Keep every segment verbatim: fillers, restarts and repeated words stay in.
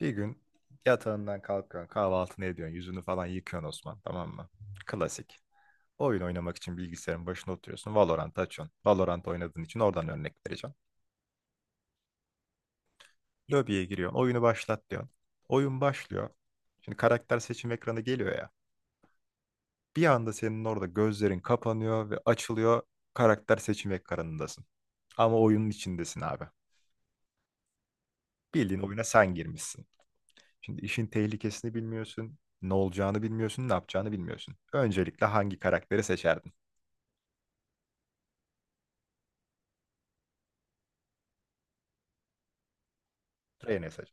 Bir gün yatağından kalkıyorsun, kahvaltını ediyorsun, yüzünü falan yıkıyorsun Osman, tamam mı? Klasik. Oyun oynamak için bilgisayarın başına oturuyorsun, Valorant açıyorsun. Valorant oynadığın için oradan örnek vereceğim. Lobiye giriyorsun, oyunu başlat diyorsun. Oyun başlıyor. Şimdi karakter seçim ekranı geliyor ya. Bir anda senin orada gözlerin kapanıyor ve açılıyor, karakter seçim ekranındasın. Ama oyunun içindesin abi. Bildiğin oyuna sen girmişsin. Şimdi işin tehlikesini bilmiyorsun, ne olacağını bilmiyorsun, ne yapacağını bilmiyorsun. Öncelikle hangi karakteri seçerdin? Reyna'yı seç.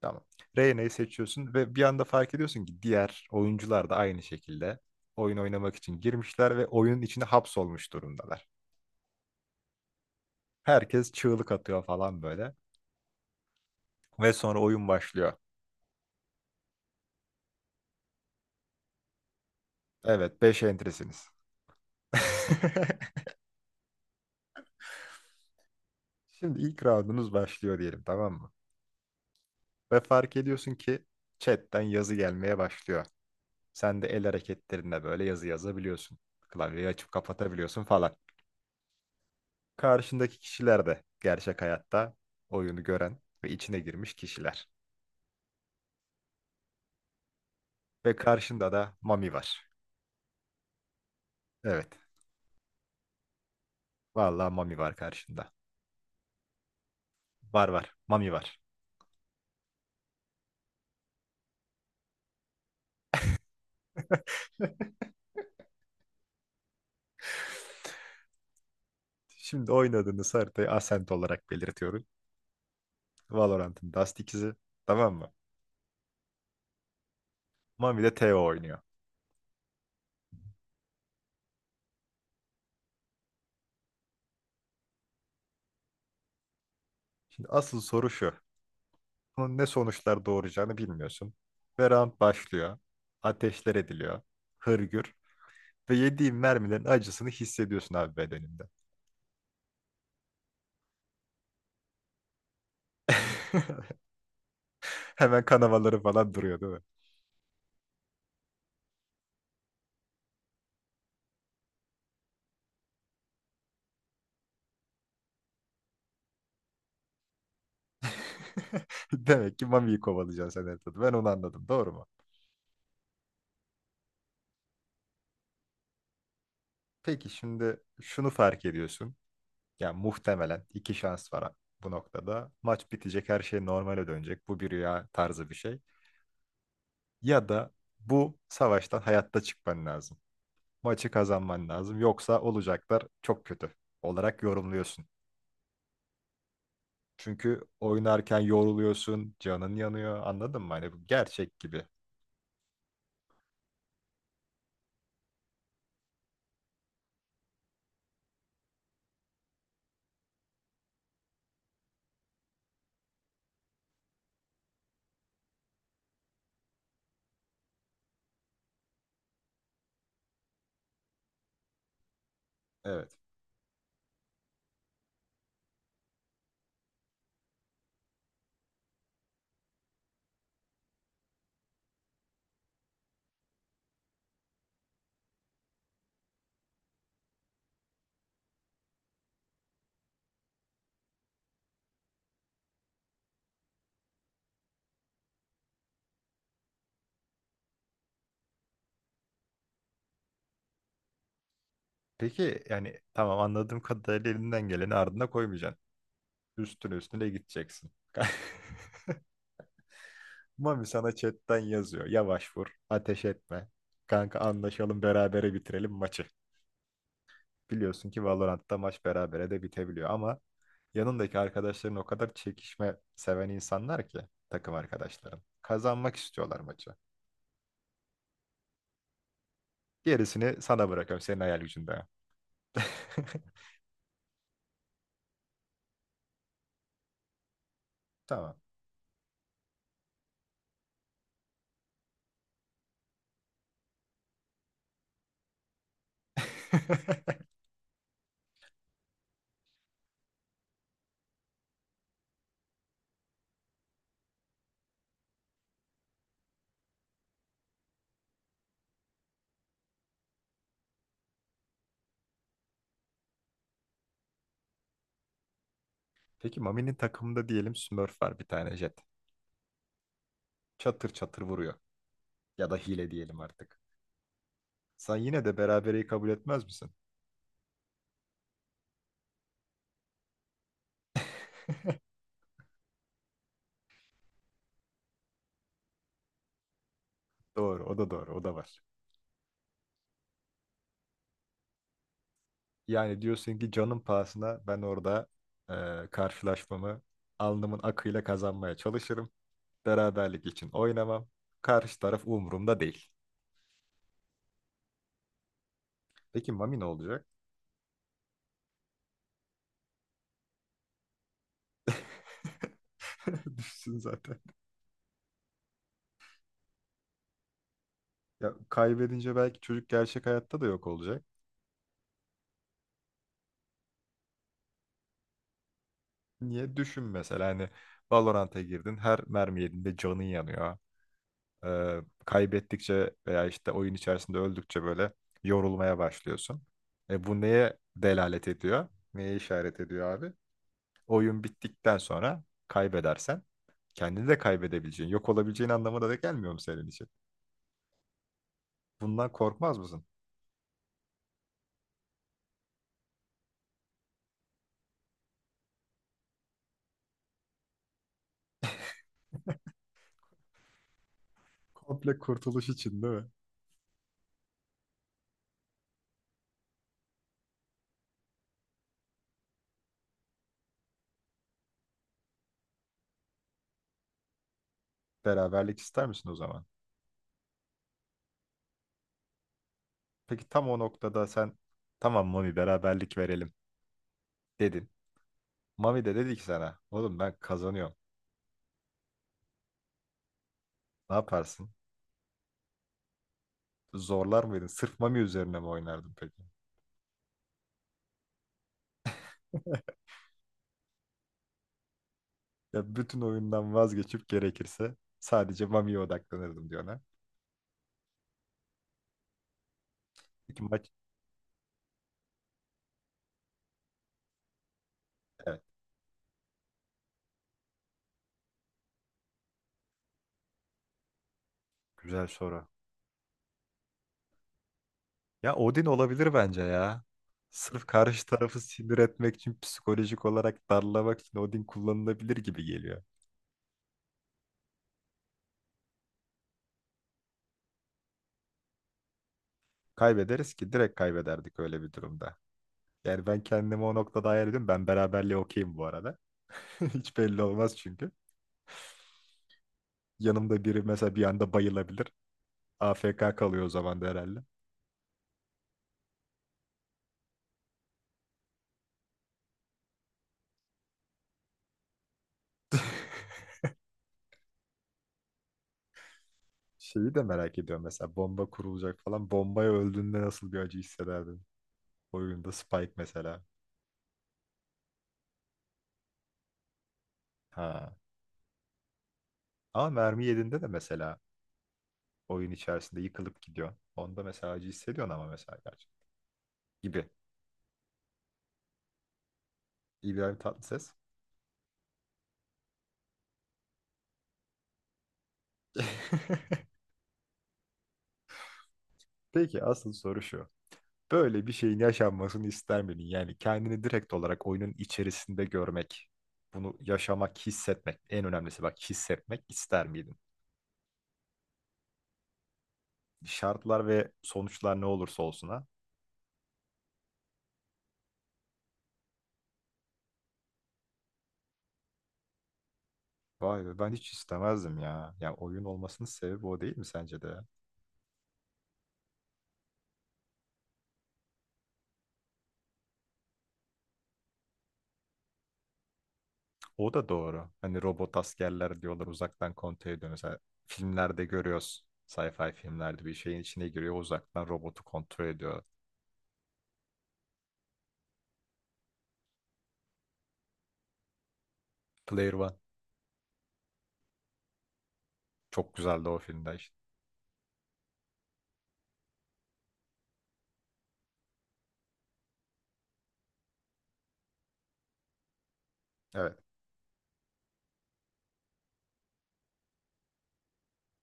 Tamam. Reyna'yı seçiyorsun ve bir anda fark ediyorsun ki diğer oyuncular da aynı şekilde oyun oynamak için girmişler ve oyunun içine hapsolmuş durumdalar. Herkes çığlık atıyor falan böyle ve sonra oyun başlıyor. Evet, beş entresiniz. Şimdi ilk roundunuz başlıyor diyelim, tamam mı? Ve fark ediyorsun ki chatten yazı gelmeye başlıyor. Sen de el hareketlerinle böyle yazı yazabiliyorsun. Klavyeyi açıp kapatabiliyorsun falan. Karşındaki kişiler de gerçek hayatta oyunu gören ve içine girmiş kişiler. Ve karşında da Mami var. Evet. Vallahi Mami var karşında. Var var. Mami var. Şimdi oynadığınız haritayı Ascent olarak belirtiyorum. Valorant'ın Dust ikisi. Tamam mı? Mami de Teo oynuyor. Şimdi asıl soru şu. Bunun ne sonuçlar doğuracağını bilmiyorsun. Ve round başlıyor. Ateşler ediliyor. Hırgür. Ve yediğin mermilerin acısını hissediyorsun abi bedeninde. Hemen kanamaları falan duruyor, değil mi? Demek ki Mami'yi kovalayacaksın sen her türlü. Ben onu anladım. Doğru mu? Peki şimdi şunu fark ediyorsun. Ya muhtemelen iki şans var bu noktada. Maç bitecek, her şey normale dönecek. Bu bir rüya tarzı bir şey. Ya da bu savaştan hayatta çıkman lazım. Maçı kazanman lazım. Yoksa olacaklar çok kötü olarak yorumluyorsun. Çünkü oynarken yoruluyorsun, canın yanıyor. Anladın mı? Hani bu gerçek gibi. Evet. Peki yani tamam, anladığım kadarıyla elinden geleni ardına koymayacaksın. Üstüne üstüne gideceksin. Mami sana chatten yazıyor. Yavaş vur, ateş etme. Kanka anlaşalım, berabere bitirelim maçı. Biliyorsun ki Valorant'ta maç berabere de bitebiliyor ama yanındaki arkadaşların o kadar çekişme seven insanlar ki, takım arkadaşların. Kazanmak istiyorlar maçı. Gerisini sana bırakıyorum, senin hayal gücünde. Tamam. Peki Mami'nin takımında diyelim Smurf var, bir tane Jet. Çatır çatır vuruyor. Ya da hile diyelim artık. Sen yine de berabereyi kabul etmez misin? Doğru, o da doğru, o da var. Yani diyorsun ki canın pahasına ben orada e, karşılaşmamı alnımın akıyla kazanmaya çalışırım. Beraberlik için oynamam. Karşı taraf umurumda değil. Peki Mami ne olacak? Düşsün zaten. Ya kaybedince belki çocuk gerçek hayatta da yok olacak. Niye? Düşün mesela, hani Valorant'a girdin, her mermi yediğinde canın yanıyor. Ee, kaybettikçe veya işte oyun içerisinde öldükçe böyle yorulmaya başlıyorsun. E, bu neye delalet ediyor? Neye işaret ediyor abi? Oyun bittikten sonra kaybedersen kendini de kaybedebileceğin, yok olabileceğin anlamına da gelmiyor mu senin için? Bundan korkmaz mısın? Komple kurtuluş için değil mi? Beraberlik ister misin o zaman? Peki tam o noktada sen, tamam Mami beraberlik verelim dedin. Mami de dedi ki sana, oğlum ben kazanıyorum. Ne yaparsın? Zorlar mıydın? Sırf Mami üzerine mi oynardın peki? Ya bütün oyundan vazgeçip gerekirse sadece Mami'ye odaklanırdım diyor ona. Peki maç, evet, güzel soru. Ya Odin olabilir bence ya. Sırf karşı tarafı sinir etmek için, psikolojik olarak darlamak için Odin kullanılabilir gibi geliyor. Kaybederiz ki, direkt kaybederdik öyle bir durumda. Yani ben kendimi o noktada hayal ediyorum. Ben beraberliğe okeyim bu arada. Hiç belli olmaz çünkü. Yanımda biri mesela bir anda bayılabilir. A F K kalıyor o zaman da herhalde. Şeyi de merak ediyorum, mesela bomba kurulacak falan. Bombaya öldüğünde nasıl bir acı hissederdin? Oyunda Spike mesela. Ha. Ama mermi yediğinde de mesela oyun içerisinde yıkılıp gidiyor. Onda mesela acı hissediyorsun ama mesela gerçi. Gibi. İbrahim Tatlıses. Peki asıl soru şu. Böyle bir şeyin yaşanmasını ister miydin? Yani kendini direkt olarak oyunun içerisinde görmek, bunu yaşamak, hissetmek, en önemlisi bak hissetmek ister miydin? Şartlar ve sonuçlar ne olursa olsun ha. Vay be, ben hiç istemezdim ya. Ya oyun olmasının sebebi o değil mi sence de? O da doğru. Hani robot askerler diyorlar, uzaktan kontrol ediyor. Mesela filmlerde görüyoruz. Sci-fi filmlerde bir şeyin içine giriyor, uzaktan robotu kontrol ediyor. Player One çok güzeldi o filmde işte. Evet.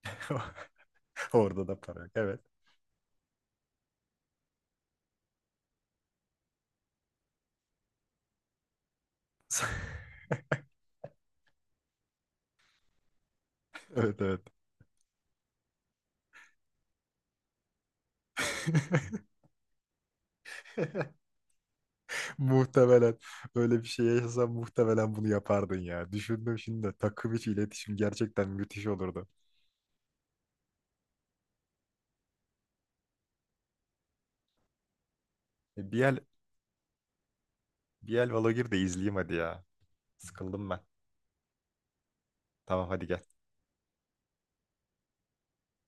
Orada da para yok. Evet. Evet evet. Muhtemelen öyle bir şey yaşasan muhtemelen bunu yapardın ya. Düşündüm şimdi de, takım içi iletişim gerçekten müthiş olurdu. E, bir el, bir el Valor'u gir de izleyeyim hadi ya. Sıkıldım ben. Tamam hadi gel.